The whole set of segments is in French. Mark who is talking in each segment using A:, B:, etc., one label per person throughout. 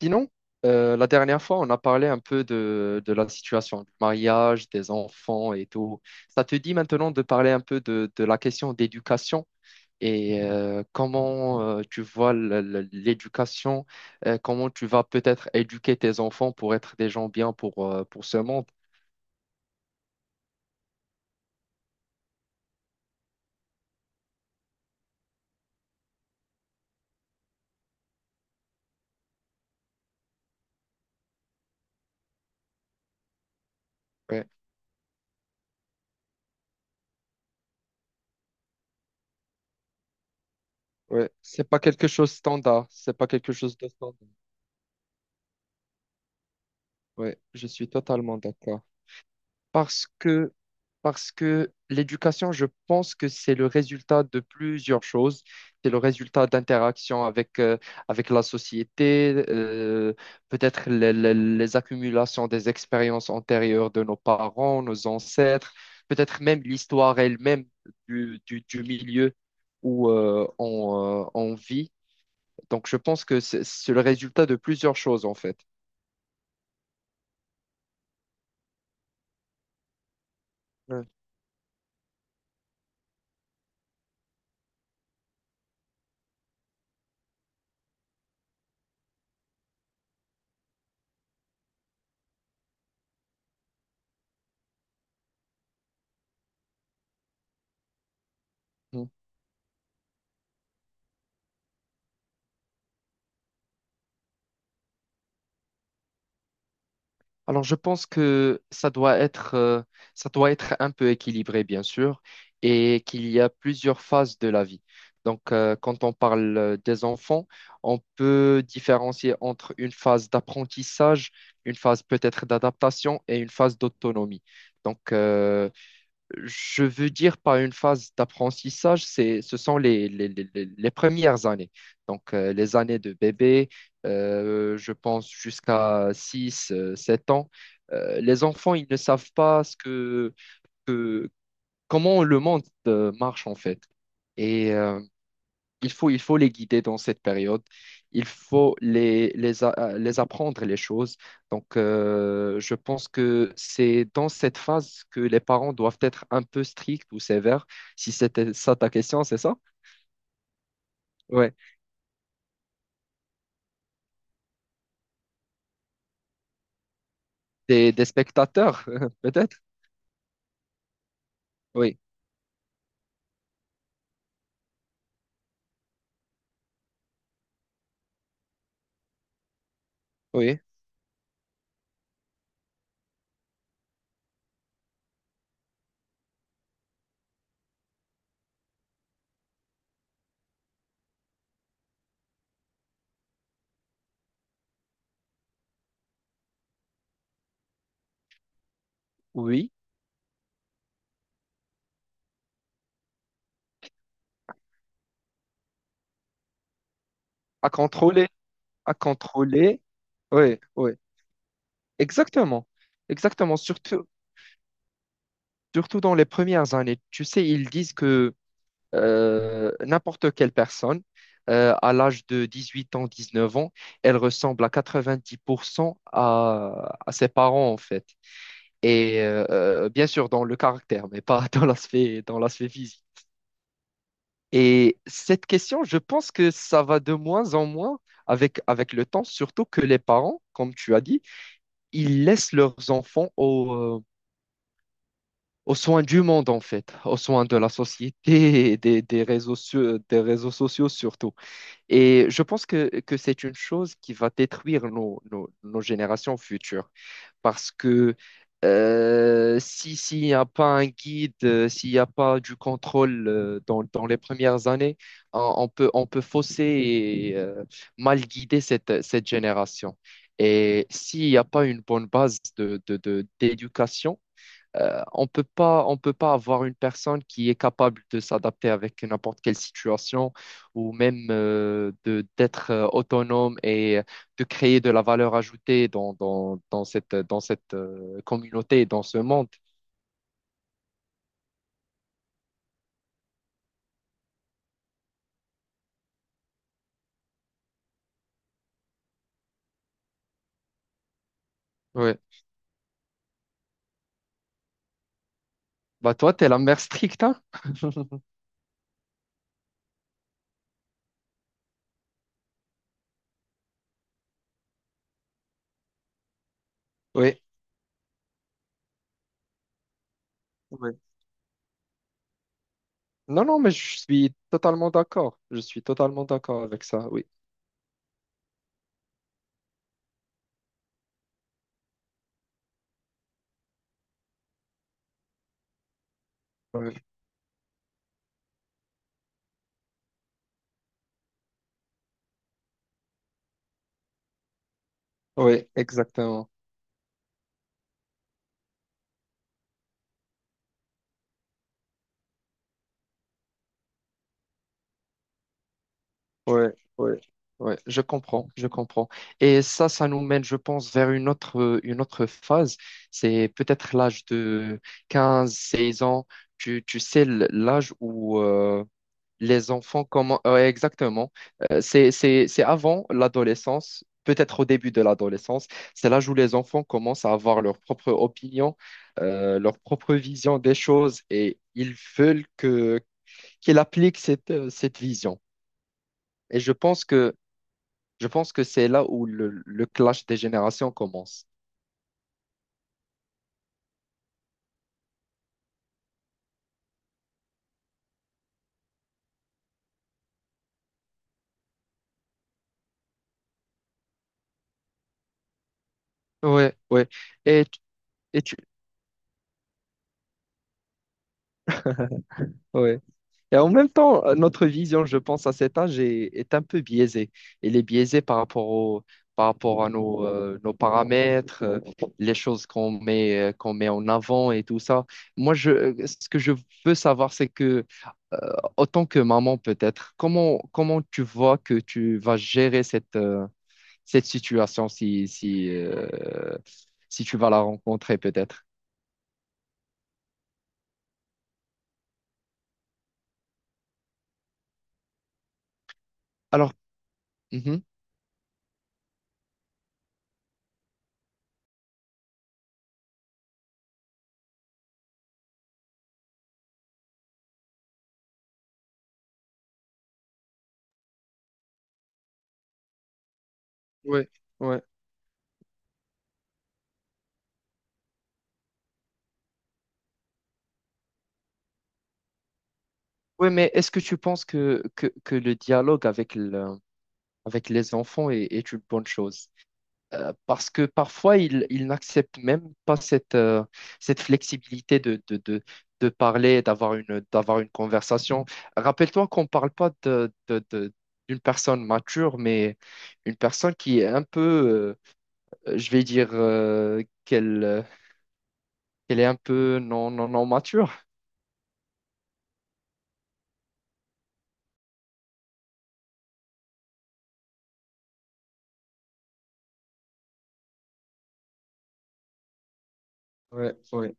A: Sinon, la dernière fois, on a parlé un peu de la situation du mariage, des enfants et tout. Ça te dit maintenant de parler un peu de la question d'éducation et comment tu vois l'éducation, comment tu vas peut-être éduquer tes enfants pour être des gens bien pour ce monde. Ouais, ouais. C'est pas quelque chose standard, c'est pas quelque chose de standard. Ouais, je suis totalement d'accord. parce que, parce que l'éducation, je pense que c'est le résultat de plusieurs choses. C'est le résultat d'interactions avec la société, peut-être les accumulations des expériences antérieures de nos parents, nos ancêtres, peut-être même l'histoire elle-même du milieu où on vit. Donc, je pense que c'est le résultat de plusieurs choses, en fait. Ouais. Alors, je pense que ça doit être un peu équilibré, bien sûr, et qu'il y a plusieurs phases de la vie. Donc, quand on parle des enfants, on peut différencier entre une phase d'apprentissage, une phase peut-être d'adaptation et une phase d'autonomie. Donc, je veux dire par une phase d'apprentissage, c'est, ce sont les premières années. Donc, les années de bébé, je pense jusqu'à 6 7 ans. Les enfants, ils ne savent pas que- comment le monde marche en fait. Et il faut les guider dans cette période. Il faut les apprendre les choses. Donc, je pense que c'est dans cette phase que les parents doivent être un peu stricts ou sévères. Si c'était ça ta question, c'est ça? Ouais. Des spectateurs, peut-être? Oui, oui, oui. À contrôler, à contrôler. Oui, oui, exactement. Exactement. Surtout, surtout dans les premières années. Tu sais, ils disent que n'importe quelle personne, à l'âge de 18 ans, 19 ans, elle ressemble à 90% à ses parents, en fait. Et bien sûr, dans le caractère, mais pas dans l'aspect physique. Et cette question, je pense que ça va de moins en moins avec le temps, surtout que les parents, comme tu as dit, ils laissent leurs enfants aux soins du monde, en fait, aux soins de la société et des réseaux sociaux surtout. Et je pense que c'est une chose qui va détruire nos générations futures. Parce que si, s'il n'y a pas un guide, s'il n'y a pas du contrôle dans les premières années, on peut fausser et mal guider cette génération. Et s'il n'y a pas une bonne base d'éducation, on peut pas avoir une personne qui est capable de s'adapter avec n'importe quelle situation ou même de d'être autonome et de créer de la valeur ajoutée dans cette communauté, dans ce monde. Oui. Bah toi, t'es la mère stricte, hein? Oui. Oui. Non, non, mais je suis totalement d'accord. Je suis totalement d'accord avec ça, oui. Oui, oui, exactement. Ouais, ouais, ouais, je comprends, je comprends. Et ça nous mène, je pense, vers une autre phase. C'est peut-être l'âge de 15, 16 ans. Tu sais, l'âge où les enfants comment, ouais, exactement. C'est avant l'adolescence, peut-être au début de l'adolescence. C'est l'âge où les enfants commencent à avoir leur propre opinion, leur propre vision des choses et ils veulent qu'ils appliquent cette vision. Et je pense que c'est là où le clash des générations commence. Ouais, ouais. Et, tu- et, tu- ouais. Et en même temps, notre vision, je pense, à cet âge est un peu biaisée. Elle est biaisée par rapport à nos paramètres, les choses qu'on met en avant et tout ça. Moi, ce que je veux savoir, c'est que, euh, autant que maman peut-être, comment tu vois que tu vas gérer cette situation si tu vas la rencontrer peut-être. Alors, mhm. Ouais, ouais. Oui, mais est-ce que tu penses que le dialogue avec les enfants est une bonne chose? Parce que parfois, ils n'acceptent même pas cette flexibilité de parler, d'avoir une conversation. Rappelle-toi qu'on ne parle pas d'une personne mature, mais une personne qui est un peu je vais dire qu'elle est un peu non, non, non mature. Ouais, ouais.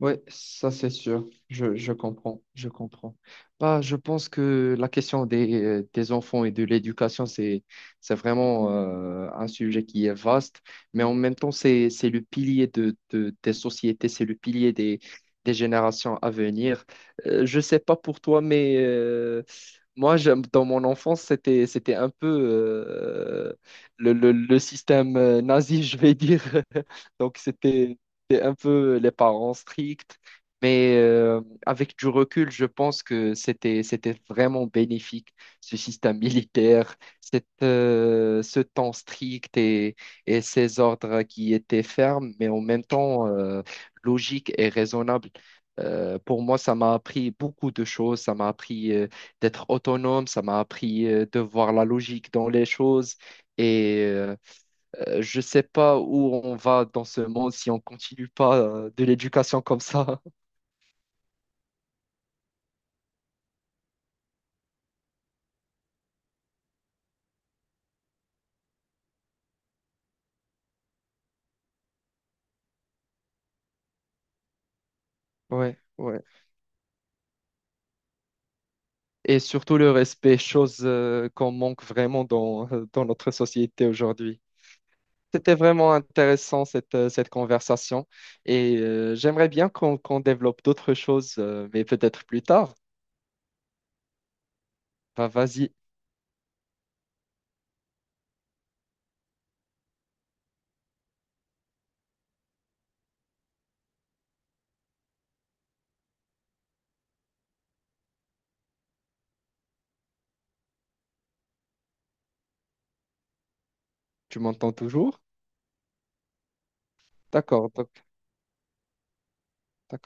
A: Oui, ça c'est sûr. Je comprends. Bah, je pense que la question des enfants et de l'éducation, c'est vraiment un sujet qui est vaste, mais en même temps, c'est le pilier des sociétés, c'est le pilier des générations à venir. Je ne sais pas pour toi, mais moi, dans mon enfance, c'était un peu le système nazi, je vais dire. Donc, c'est un peu les parents stricts, mais avec du recul, je pense que c'était vraiment bénéfique, ce système militaire, ce temps strict et ces ordres qui étaient fermes, mais en même temps logiques et raisonnables. Pour moi, ça m'a appris beaucoup de choses. Ça m'a appris d'être autonome, ça m'a appris de voir la logique dans les choses et je sais pas où on va dans ce monde si on continue pas de l'éducation comme ça. Ouais, ouais. Et surtout le respect, chose qu'on manque vraiment dans notre société aujourd'hui. C'était vraiment intéressant cette conversation et j'aimerais bien qu'on développe d'autres choses, mais peut-être plus tard. Bah, vas-y, tu m'entends toujours? D'accord, donc, d'accord.